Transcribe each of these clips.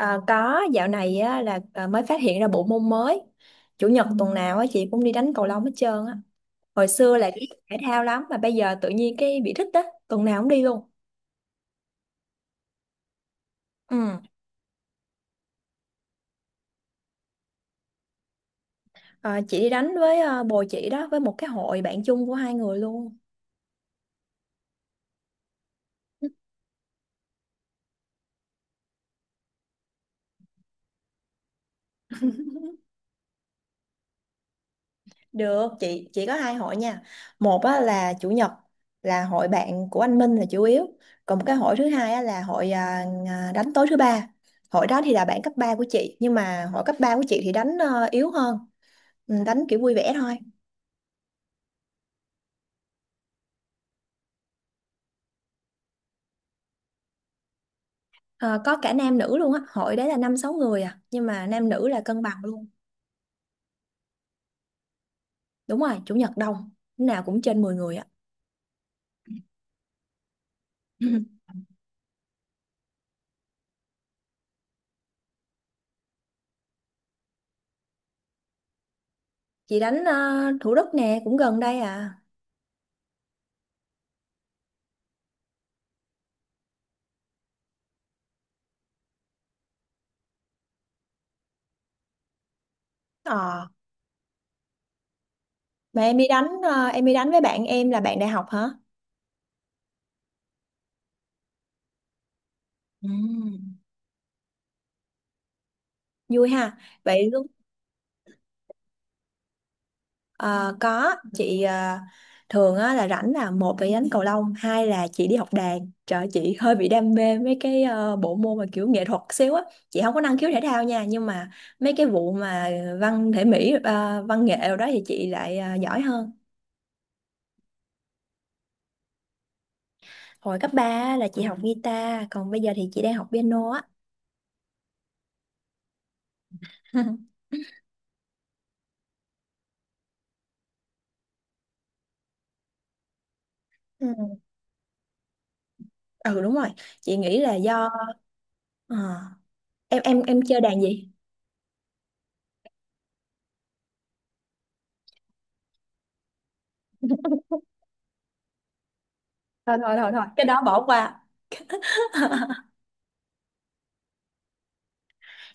À, có dạo này á, là mới phát hiện ra bộ môn mới. Chủ nhật tuần nào á, chị cũng đi đánh cầu lông hết trơn á. Hồi xưa là chị thích thể thao lắm mà bây giờ tự nhiên cái bị thích á. Tuần nào cũng đi luôn. Ừ. À, chị đi đánh với bồ chị đó với một cái hội bạn chung của hai người luôn. Được Chị có hai hội nha. Một á, là chủ nhật, là hội bạn của anh Minh là chủ yếu. Còn một cái hội thứ hai á, là hội đánh tối thứ ba. Hội đó thì là bạn cấp 3 của chị, nhưng mà hội cấp 3 của chị thì đánh yếu hơn. Ừ, đánh kiểu vui vẻ thôi. Ờ, có cả nam nữ luôn á, hội đấy là 5-6 người à, nhưng mà nam nữ là cân bằng luôn. Đúng rồi, chủ nhật đông, lúc nào cũng trên 10 người á. Chị đánh Thủ Đức nè, cũng gần đây à. Ờ, mà em đi đánh em đi đánh với bạn em là bạn đại học hả. Ừ. Vui ha. Vậy lúc... Ờ, có chị, thường á, là rảnh là một là đánh cầu lông, hai là chị đi học đàn. Trời ơi, chị hơi bị đam mê mấy cái bộ môn mà kiểu nghệ thuật xíu á. Chị không có năng khiếu thể thao nha, nhưng mà mấy cái vụ mà văn thể mỹ, văn nghệ rồi đó thì chị lại giỏi hơn. Hồi cấp 3 á, là chị học guitar, còn bây giờ thì chị đang học piano á. Ừ. Ừ, đúng rồi. Chị nghĩ là do ờ, em chơi đàn gì. Thôi thôi thôi thôi, cái đó bỏ qua.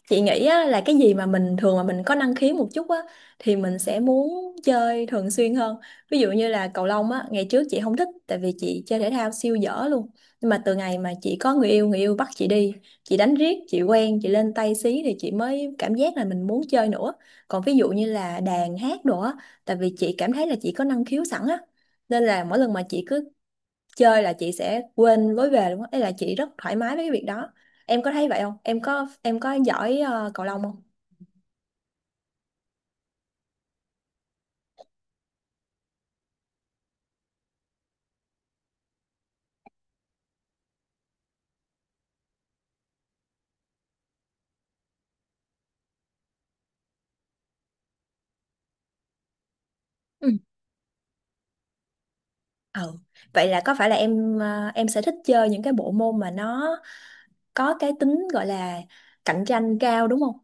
Chị nghĩ á, là cái gì mà mình thường mà mình có năng khiếu một chút á, thì mình sẽ muốn chơi thường xuyên hơn. Ví dụ như là cầu lông á, ngày trước chị không thích tại vì chị chơi thể thao siêu dở luôn. Nhưng mà từ ngày mà chị có người yêu, người yêu bắt chị đi, chị đánh riết chị quen, chị lên tay xí thì chị mới cảm giác là mình muốn chơi nữa. Còn ví dụ như là đàn hát đồ á, tại vì chị cảm thấy là chị có năng khiếu sẵn á, nên là mỗi lần mà chị cứ chơi là chị sẽ quên lối về luôn á. Ý là chị rất thoải mái với cái việc đó. Em có thấy vậy không, em có giỏi cầu lông không. Ừ. Ừ, vậy là có phải là em em sẽ thích chơi những cái bộ môn mà nó có cái tính gọi là cạnh tranh cao đúng không.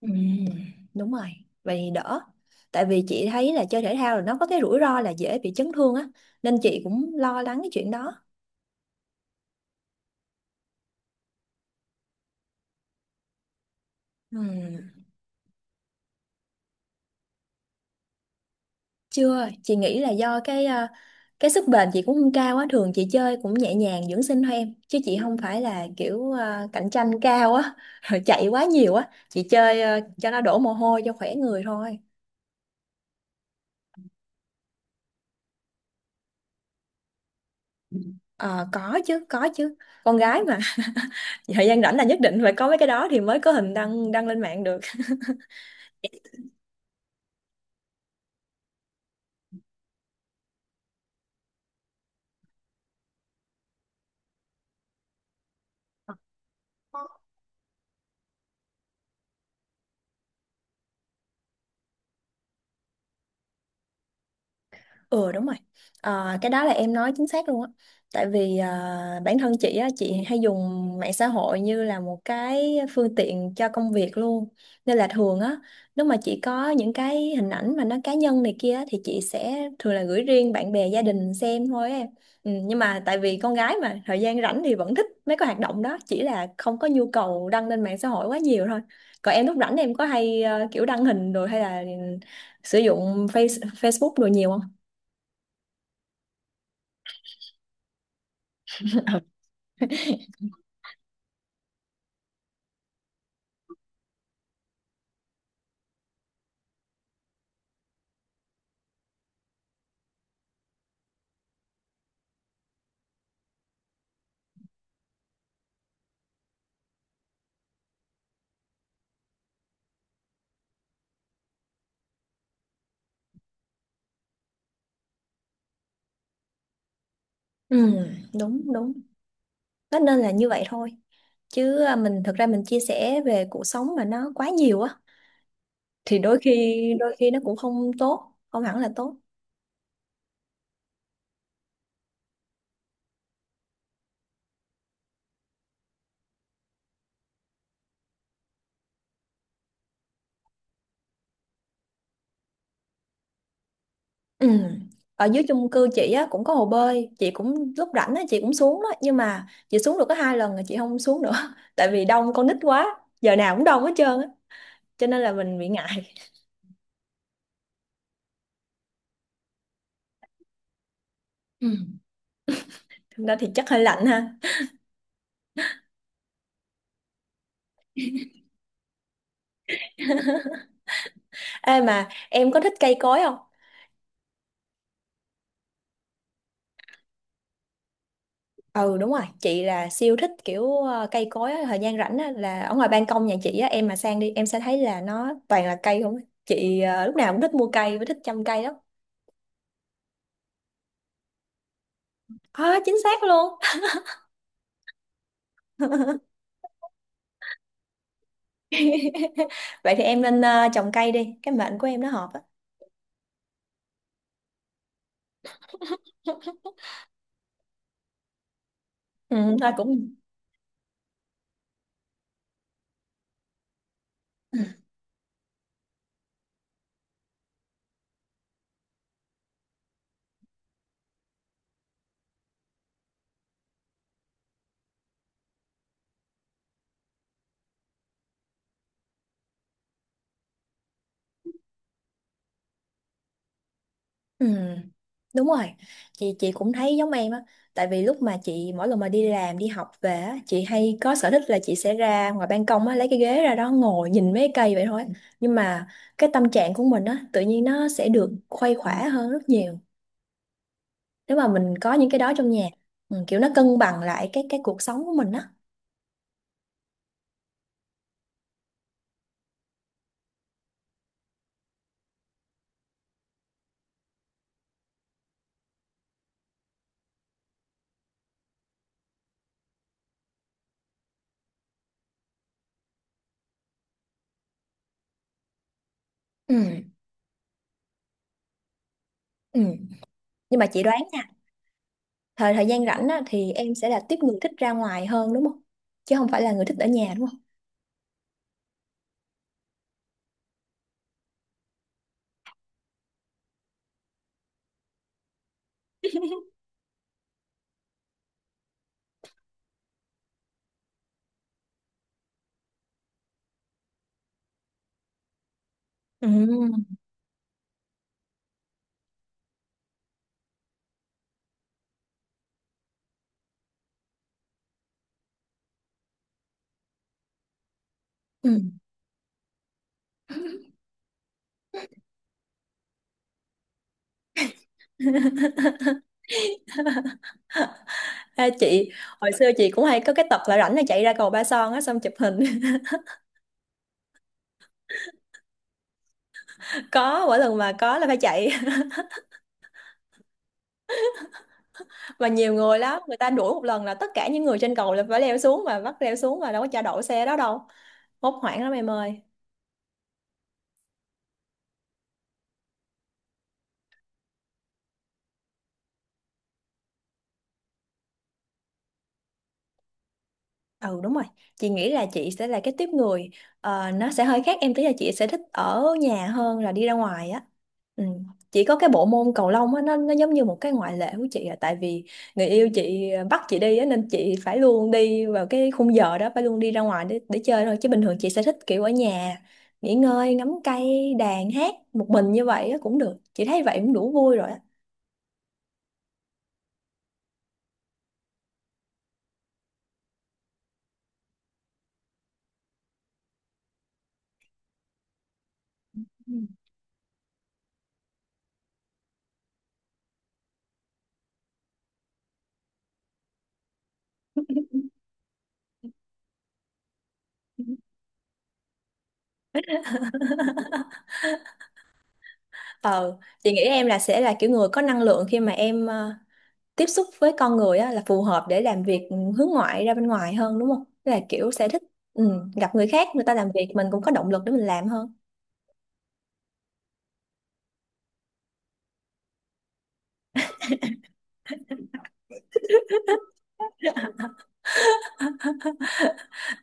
Ừ. Đúng rồi, vậy thì đỡ. Tại vì chị thấy là chơi thể thao là nó có cái rủi ro là dễ bị chấn thương á, nên chị cũng lo lắng cái chuyện đó. Ừ. Chưa, chị nghĩ là do cái cái sức bền chị cũng không cao á, thường chị chơi cũng nhẹ nhàng dưỡng sinh thôi em, chứ chị không phải là kiểu cạnh tranh cao á, rồi chạy quá nhiều á, chị chơi cho nó đổ mồ hôi cho khỏe người thôi. Ờ, có chứ, có chứ. Con gái mà, thời gian rảnh là nhất định phải có mấy cái đó thì mới có hình đăng đăng lên mạng được. Ừ, đúng rồi. Ờ, cái đó là em nói chính xác luôn á, tại vì bản thân chị á, chị hay dùng mạng xã hội như là một cái phương tiện cho công việc luôn. Nên là thường á, nếu mà chị có những cái hình ảnh mà nó cá nhân này kia á, thì chị sẽ thường là gửi riêng bạn bè gia đình xem thôi á em. Ừ, nhưng mà tại vì con gái mà thời gian rảnh thì vẫn thích mấy cái hoạt động đó, chỉ là không có nhu cầu đăng lên mạng xã hội quá nhiều thôi. Còn em lúc rảnh em có hay kiểu đăng hình rồi hay là sử dụng Facebook đồ nhiều không. Ừ, đúng đúng. Nó nên là như vậy thôi. Chứ à, mình thực ra mình chia sẻ về cuộc sống mà nó quá nhiều á, thì đôi khi nó cũng không tốt, không hẳn là tốt. Ừ. Ở dưới chung cư chị á cũng có hồ bơi, chị cũng lúc rảnh á chị cũng xuống đó, nhưng mà chị xuống được có 2 lần rồi chị không xuống nữa tại vì đông con nít quá, giờ nào cũng đông hết trơn á, cho nên là mình bị ngại. Ừ. Thực ra thì chắc hơi lạnh ha. Ê mà em có thích cây cối không? Ừ, đúng rồi, chị là siêu thích kiểu cây cối á, thời gian rảnh á, là ở ngoài ban công nhà chị á, em mà sang đi em sẽ thấy là nó toàn là cây không á. Chị lúc nào cũng thích mua cây và thích chăm cây lắm. À, chính xác luôn. Vậy thì em nên trồng cây đi, cái mệnh của em nó hợp á. Ừ, thôi cũng... Ừ, đúng rồi, chị cũng thấy giống em á, tại vì lúc mà chị mỗi lần mà đi làm đi học về á, chị hay có sở thích là chị sẽ ra ngoài ban công á lấy cái ghế ra đó ngồi nhìn mấy cây vậy thôi. Nhưng mà cái tâm trạng của mình á tự nhiên nó sẽ được khuây khỏa hơn rất nhiều nếu mà mình có những cái đó trong nhà. Ừ, kiểu nó cân bằng lại cái cuộc sống của mình á. Ừ, ừ. Nhưng mà chị đoán nha, thời thời gian rảnh á thì em sẽ là tiếp người thích ra ngoài hơn đúng không, chứ không phải là người thích ở nhà đúng không. Ừ. Ừ. Ha, chị hồi xưa chị cũng hay có cái tật là rảnh là chạy ra cầu Ba Son á xong chụp hình. Có mỗi lần mà có là phải chạy. Mà nhiều người lắm, người ta đuổi một lần là tất cả những người trên cầu là phải leo xuống, mà bắt leo xuống mà đâu có cho đậu xe đó đâu. Hốt hoảng lắm em ơi. Ừ đúng rồi, chị nghĩ là chị sẽ là cái tiếp người, nó sẽ hơi khác em tí, là chị sẽ thích ở nhà hơn là đi ra ngoài á. Ừ. Chỉ có cái bộ môn cầu lông á nó giống như một cái ngoại lệ của chị à, tại vì người yêu chị bắt chị đi á nên chị phải luôn đi vào cái khung giờ đó, phải luôn đi ra ngoài để chơi thôi, chứ bình thường chị sẽ thích kiểu ở nhà nghỉ ngơi, ngắm cây, đàn hát một mình như vậy á cũng được. Chị thấy vậy cũng đủ vui rồi á. Ừ. Ờ, chị nghĩ em là sẽ là kiểu người có năng lượng khi mà em tiếp xúc với con người á, là phù hợp để làm việc, ừ, hướng ngoại ra bên ngoài hơn đúng không? Tức là kiểu sẽ thích, ừ, gặp người khác, người ta làm việc mình cũng có động lực để mình làm hơn.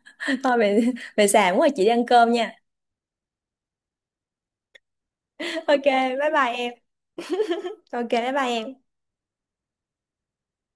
Thôi về, về xàm quá, chị đi ăn cơm nha. Ok, bye bye em. Ok, bye bye em.